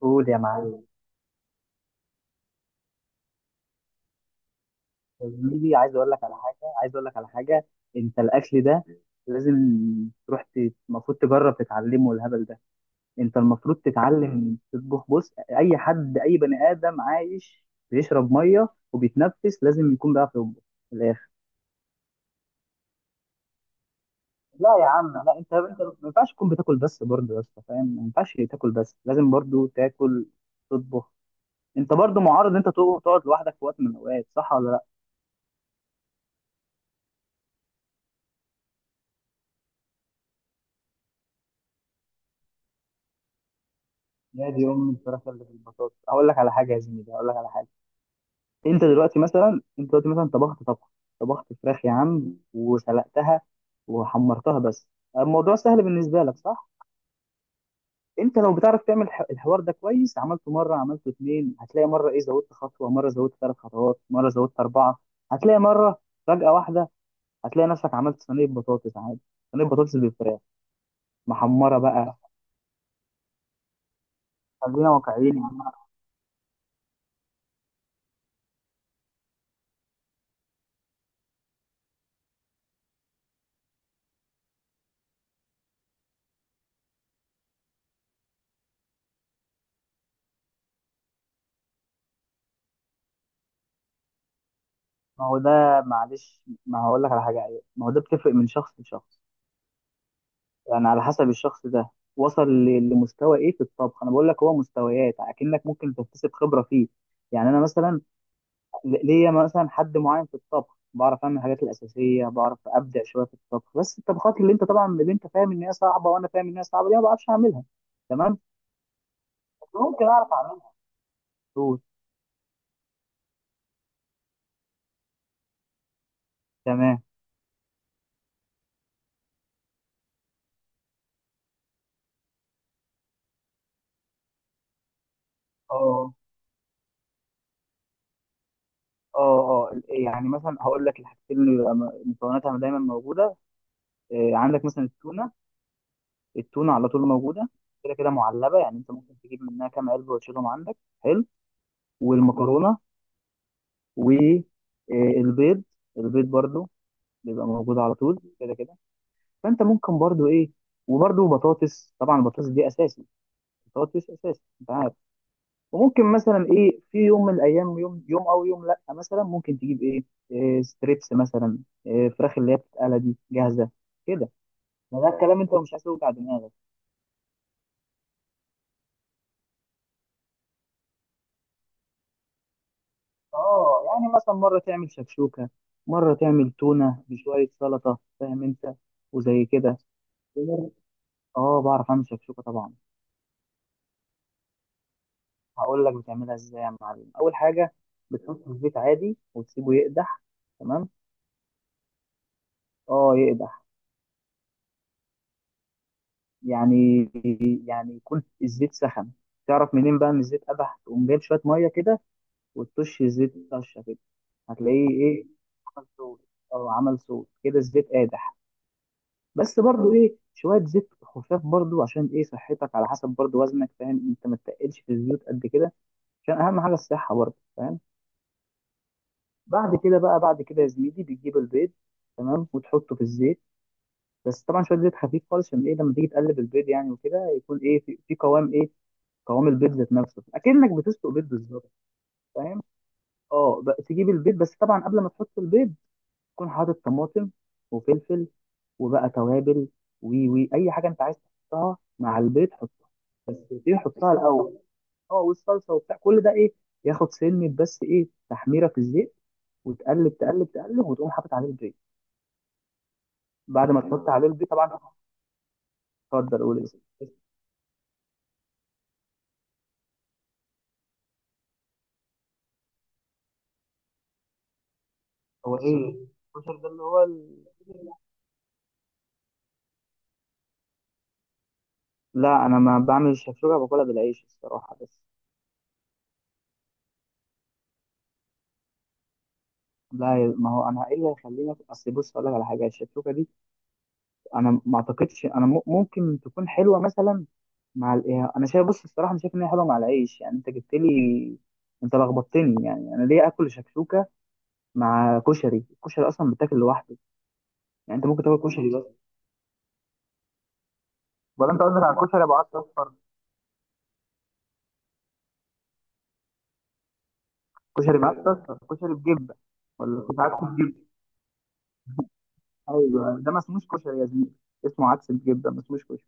قول يا معلم. يا زميلي عايز اقول لك على حاجه، انت الاكل ده لازم المفروض تجرب تتعلمه، الهبل ده. انت المفروض تتعلم تطبخ. بص، اي حد، اي بني ادم عايش بيشرب ميه وبيتنفس لازم يكون بيعرف يطبخ في الاخر. لا يا عم، لا، انت ما ينفعش تكون بتاكل بس، برضه يا اسطى فاهم، ما ينفعش تاكل بس، لازم برضه تاكل تطبخ. انت برضه معرض ان انت تقعد لوحدك في وقت من الاوقات، صح ولا لا؟ نادي ام الفراخ اللي في البطاطس، هقول لك على حاجه يا زميلي، هقول لك على حاجه انت دلوقتي مثلا، طبخت فراخ يا عم وسلقتها وحمرتها بس، الموضوع سهل بالنسبه لك صح؟ انت لو بتعرف تعمل الحوار ده كويس، عملته مره، عملته اتنين، هتلاقي مره ايه زودت خطوه، مره زودت ثلاث خطوات، مره زودت اربعه. هتلاقي مره فجاه واحده هتلاقي نفسك عملت صينيه بطاطس عادي، صينيه بطاطس بالفراخ محمره بقى. خلينا واقعيين. ما هو ده، معلش ما هقول لك على حاجه. أيوة. ما هو ده بتفرق من شخص لشخص، يعني على حسب الشخص ده وصل لمستوى ايه في الطبخ. انا بقول لك هو مستويات، اكنك ممكن تكتسب خبره فيه. يعني انا مثلا، ليا مثلا حد معين في الطبخ، بعرف اعمل الحاجات الاساسيه، بعرف ابدع شويه في الطبخ، بس الطبخات اللي انت طبعا، اللي انت فاهم ان هي صعبه وانا فاهم ان هي صعبه، دي ما بعرفش اعملها. تمام، ممكن اعرف اعملها. دول تمام. اه، اه، اه. يعني مثلا هقول لك الحاجتين اللي بيبقى مكوناتها دايما موجوده. عندك مثلا التونه، التونه على طول موجوده، كده كده معلبه، يعني انت ممكن تجيب منها كام علبه وتشيلهم عندك. حلو، والمكرونه والبيض. البيض برضو بيبقى موجود على طول كده كده. فانت ممكن برضو ايه، وبرضو بطاطس طبعا، البطاطس دي اساسي، بطاطس اساسي انت عارف. وممكن مثلا ايه في يوم من الايام، يوم يوم او يوم لا مثلا، ممكن تجيب ايه، إيه ستريبس مثلا، إيه فراخ اللي هي بتتقلى دي جاهزه كده. ما ده الكلام، انت مش عايز توجع دماغك. اه يعني مثلا مرة تعمل شكشوكة، مرة تعمل تونة بشوية سلطة، فاهم انت، وزي كده. ومرة- اه بعرف اعمل شكشوكة طبعا. هقول لك بتعملها ازاي يا معلم. اول حاجة بتحطه في الزيت عادي وتسيبه يقدح، تمام. اه يقدح. يعني يعني يكون الزيت سخن. تعرف منين بقى ان الزيت قدح؟ تقوم جايب شوية مية كده وتطش الزيت طشة كده، هتلاقيه ايه عمل صوت. اه عمل صوت كده، الزيت قادح. بس برضو ايه، شويه زيت خفاف برضو، عشان ايه، صحتك، على حسب برضو وزنك فاهم انت، ما تتقلش في الزيوت قد كده، عشان اهم حاجه الصحه برضو فاهم. بعد كده بقى، بعد كده يا زميلي بتجيب البيض، تمام، وتحطه في الزيت، بس طبعا شويه زيت خفيف خالص، عشان ايه، لما تيجي تقلب البيض يعني وكده، يكون ايه في، قوام ايه، قوام البيض ذات نفسه، اكنك بتسلق بيض بالظبط فاهم. اه بقى تجيب البيض، بس طبعا قبل ما تحط البيض تكون حاطط طماطم وفلفل وبقى توابل وي وي اي حاجه انت عايز تحطها مع البيض، حطها. بس ايه، حطها الاول، اه والصلصه وبتاع، كل ده ايه ياخد سنه، بس ايه تحميره في الزيت وتقلب تقلب وتقوم حاطط عليه البيض. بعد ما تحط عليه البيض طبعا، اتفضل قول اسم. هو ايه الكشري ده، اللي هو ال... لا انا ما بعمل الشكشوكه، باكلها بالعيش الصراحه بس. لا ما هو انا ايه اللي هيخليني، اصل بص اقول لك على حاجه، الشكشوكه دي انا ما اعتقدش انا ممكن تكون حلوه مثلا مع الايه، انا شايف، بص الصراحه انا شايف ان هي حلوه مع العيش. يعني انت جبت لي، انت لخبطتني، يعني انا ليه اكل شكشوكه مع كشري؟ الكشري اصلا بتاكل لوحده، يعني انت ممكن تاكل كشري بس. ولا انت قصدك على كشري ابو عدس اصفر؟ كشري بعدس اصفر، كشري بجبه، ولا كنت عدس بجبه. ايوه ده ما اسموش كشري يا زميلي، اسمه عدس بجبه ما اسموش كشري.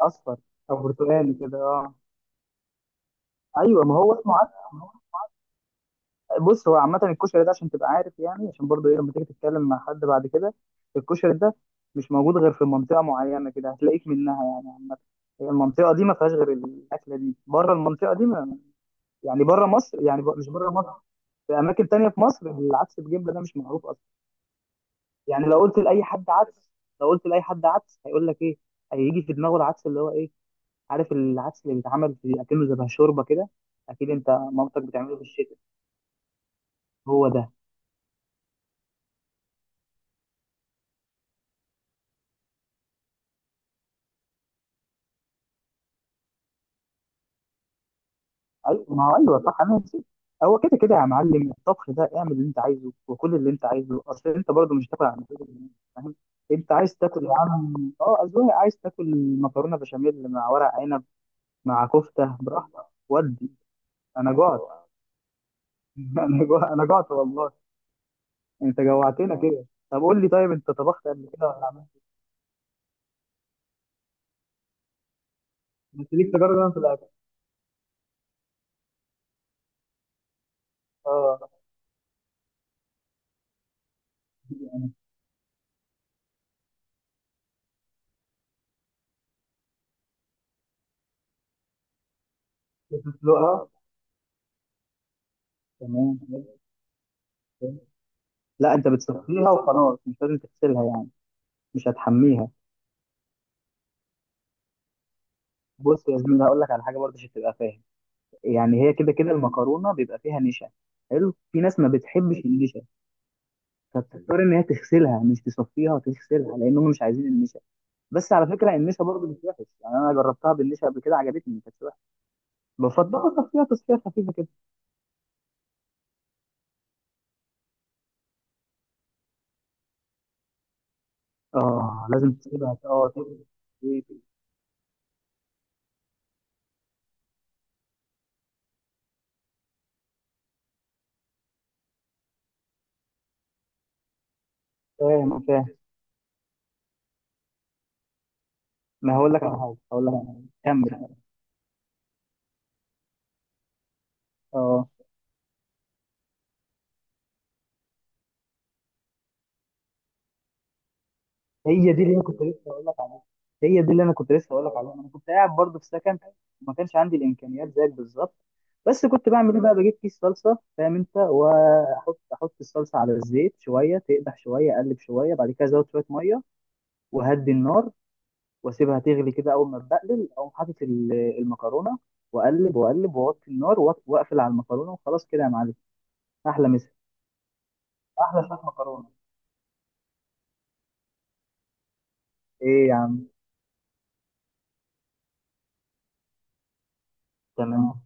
اصفر او برتقالي كده اه. ايوه ما هو اسمه عدس. بص هو عامة الكشري ده عشان تبقى عارف يعني، عشان برضو ايه، لما تيجي تتكلم مع حد بعد كده. الكشري ده مش موجود غير في منطقة معينة كده هتلاقيك منها، يعني عامة، هي المنطقة دي ما فيهاش غير الأكلة دي، بره المنطقة دي ما، يعني بره مصر، مش بره مصر، في أماكن تانية في مصر العدس بجبلة ده مش معروف أصلا. يعني لو قلت لأي حد عدس، لو قلت لأي حد عدس هيقول لك إيه، هيجي في دماغه العدس اللي هو إيه، عارف العدس اللي بيتعمل في أكنه زي شوربة كده، أكيد أنت مامتك بتعمله في الشتاء. هو ده. ايوه ما هو ايوه صح، انا نسيت. هو كده كده يا معلم، الطبخ ده اعمل اللي انت عايزه وكل اللي انت عايزه، اصل انت برضه مش هتاكل عن كده. فاهم، انت عايز تاكل يا عم، اه اذواق، عايز تاكل مكرونه بشاميل مع ورق عنب مع كفته براحتك ودي. انا جعت. انا جوع، انا جعت والله. انت جوعتنا كده. طب قول لي، طيب انت طبخت قبل كده ولا عملت؟ بس ليك تجارب انا في الاكل. اه بتسلقها، تمام. لا انت بتسلقيها وخلاص، مش لازم تغسلها يعني، مش هتحميها. بص يا زميلي هقول لك على حاجه برضه عشان تبقى فاهم، يعني هي كده كده المكرونه بيبقى فيها نشا، حلو، في ناس ما بتحبش النشا، فبتضطر ان هي تغسلها، مش تصفيها تغسلها، لان هم مش عايزين النشا. بس على فكره النشا برضه مش وحش، يعني انا جربتها بالنشا قبل كده عجبتني ما كانتش وحشه. بفضل اصفيها تصفيه خفيفه كده. اه لازم تسيبها، اه تسيبها. فاهم فاهم. ما هقول لك على حاجه، كمل. اه، هي دي اللي انا كنت لسه هقول لك، هي دي اللي انا كنت لسه هقول لك عليها، انا كنت قاعد برضه في سكن وما كانش عندي الامكانيات زيك بالظبط، بس كنت بعمل ايه بقى، بجيب كيس صلصه فاهم انت، احط الصلصه على الزيت، شويه تقدح، شويه اقلب، شويه بعد كده ازود شويه ميه وهدي النار واسيبها تغلي كده، اول ما تبقلل اقوم حاطط المكرونه، واقلب واوطي النار واقفل على المكرونه وخلاص كده يا معلم. احلى مسا، احلى شويه مكرونه. ايه يا عم. تمام.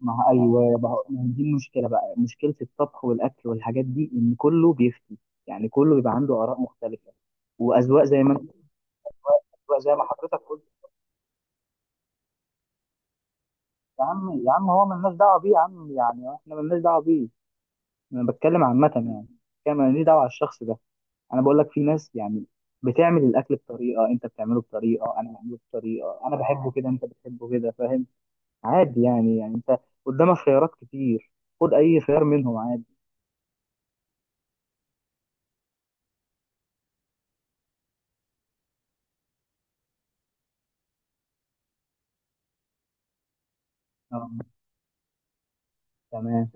ما هو- ايوه، ما هي دي المشكله بقى، مشكله الطبخ والاكل والحاجات دي، ان كله بيفتي، يعني كله بيبقى عنده اراء مختلفه واذواق زي ما انت، أذواق زي ما حضرتك قلت. يا عم، يا عم هو ملناش دعوه بيه يا عم، يعني احنا ملناش دعوه بيه، انا بتكلم عامه يعني، كان ماليش دعوه على الشخص ده. انا بقول لك في ناس يعني بتعمل الاكل بطريقه، انت بتعمله بطريقه، انا بعمله بطريقه، انا بحبه كده، انت بتحبه كده، فاهم. عادي يعني، يعني انت قدامك خيارات كتير، خد اي خيار منهم عادي. آه، تمام.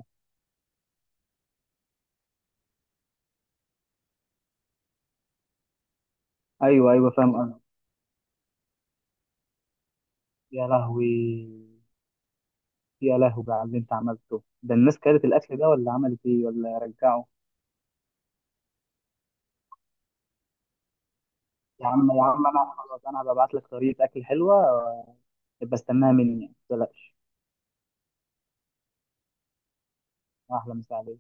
ايوه ايوه فاهم قصدك. يا لهوي. يا لهوي بقى على اللي انت عملته ده، الناس كلت الاكل ده ولا عملت ايه، ولا رجعه؟ يا عم، يا عم انا خلاص انا ببعت لك طريقه اكل حلوه، يبقى استناها مني يعني، ما تقلقش. احلى مساعده.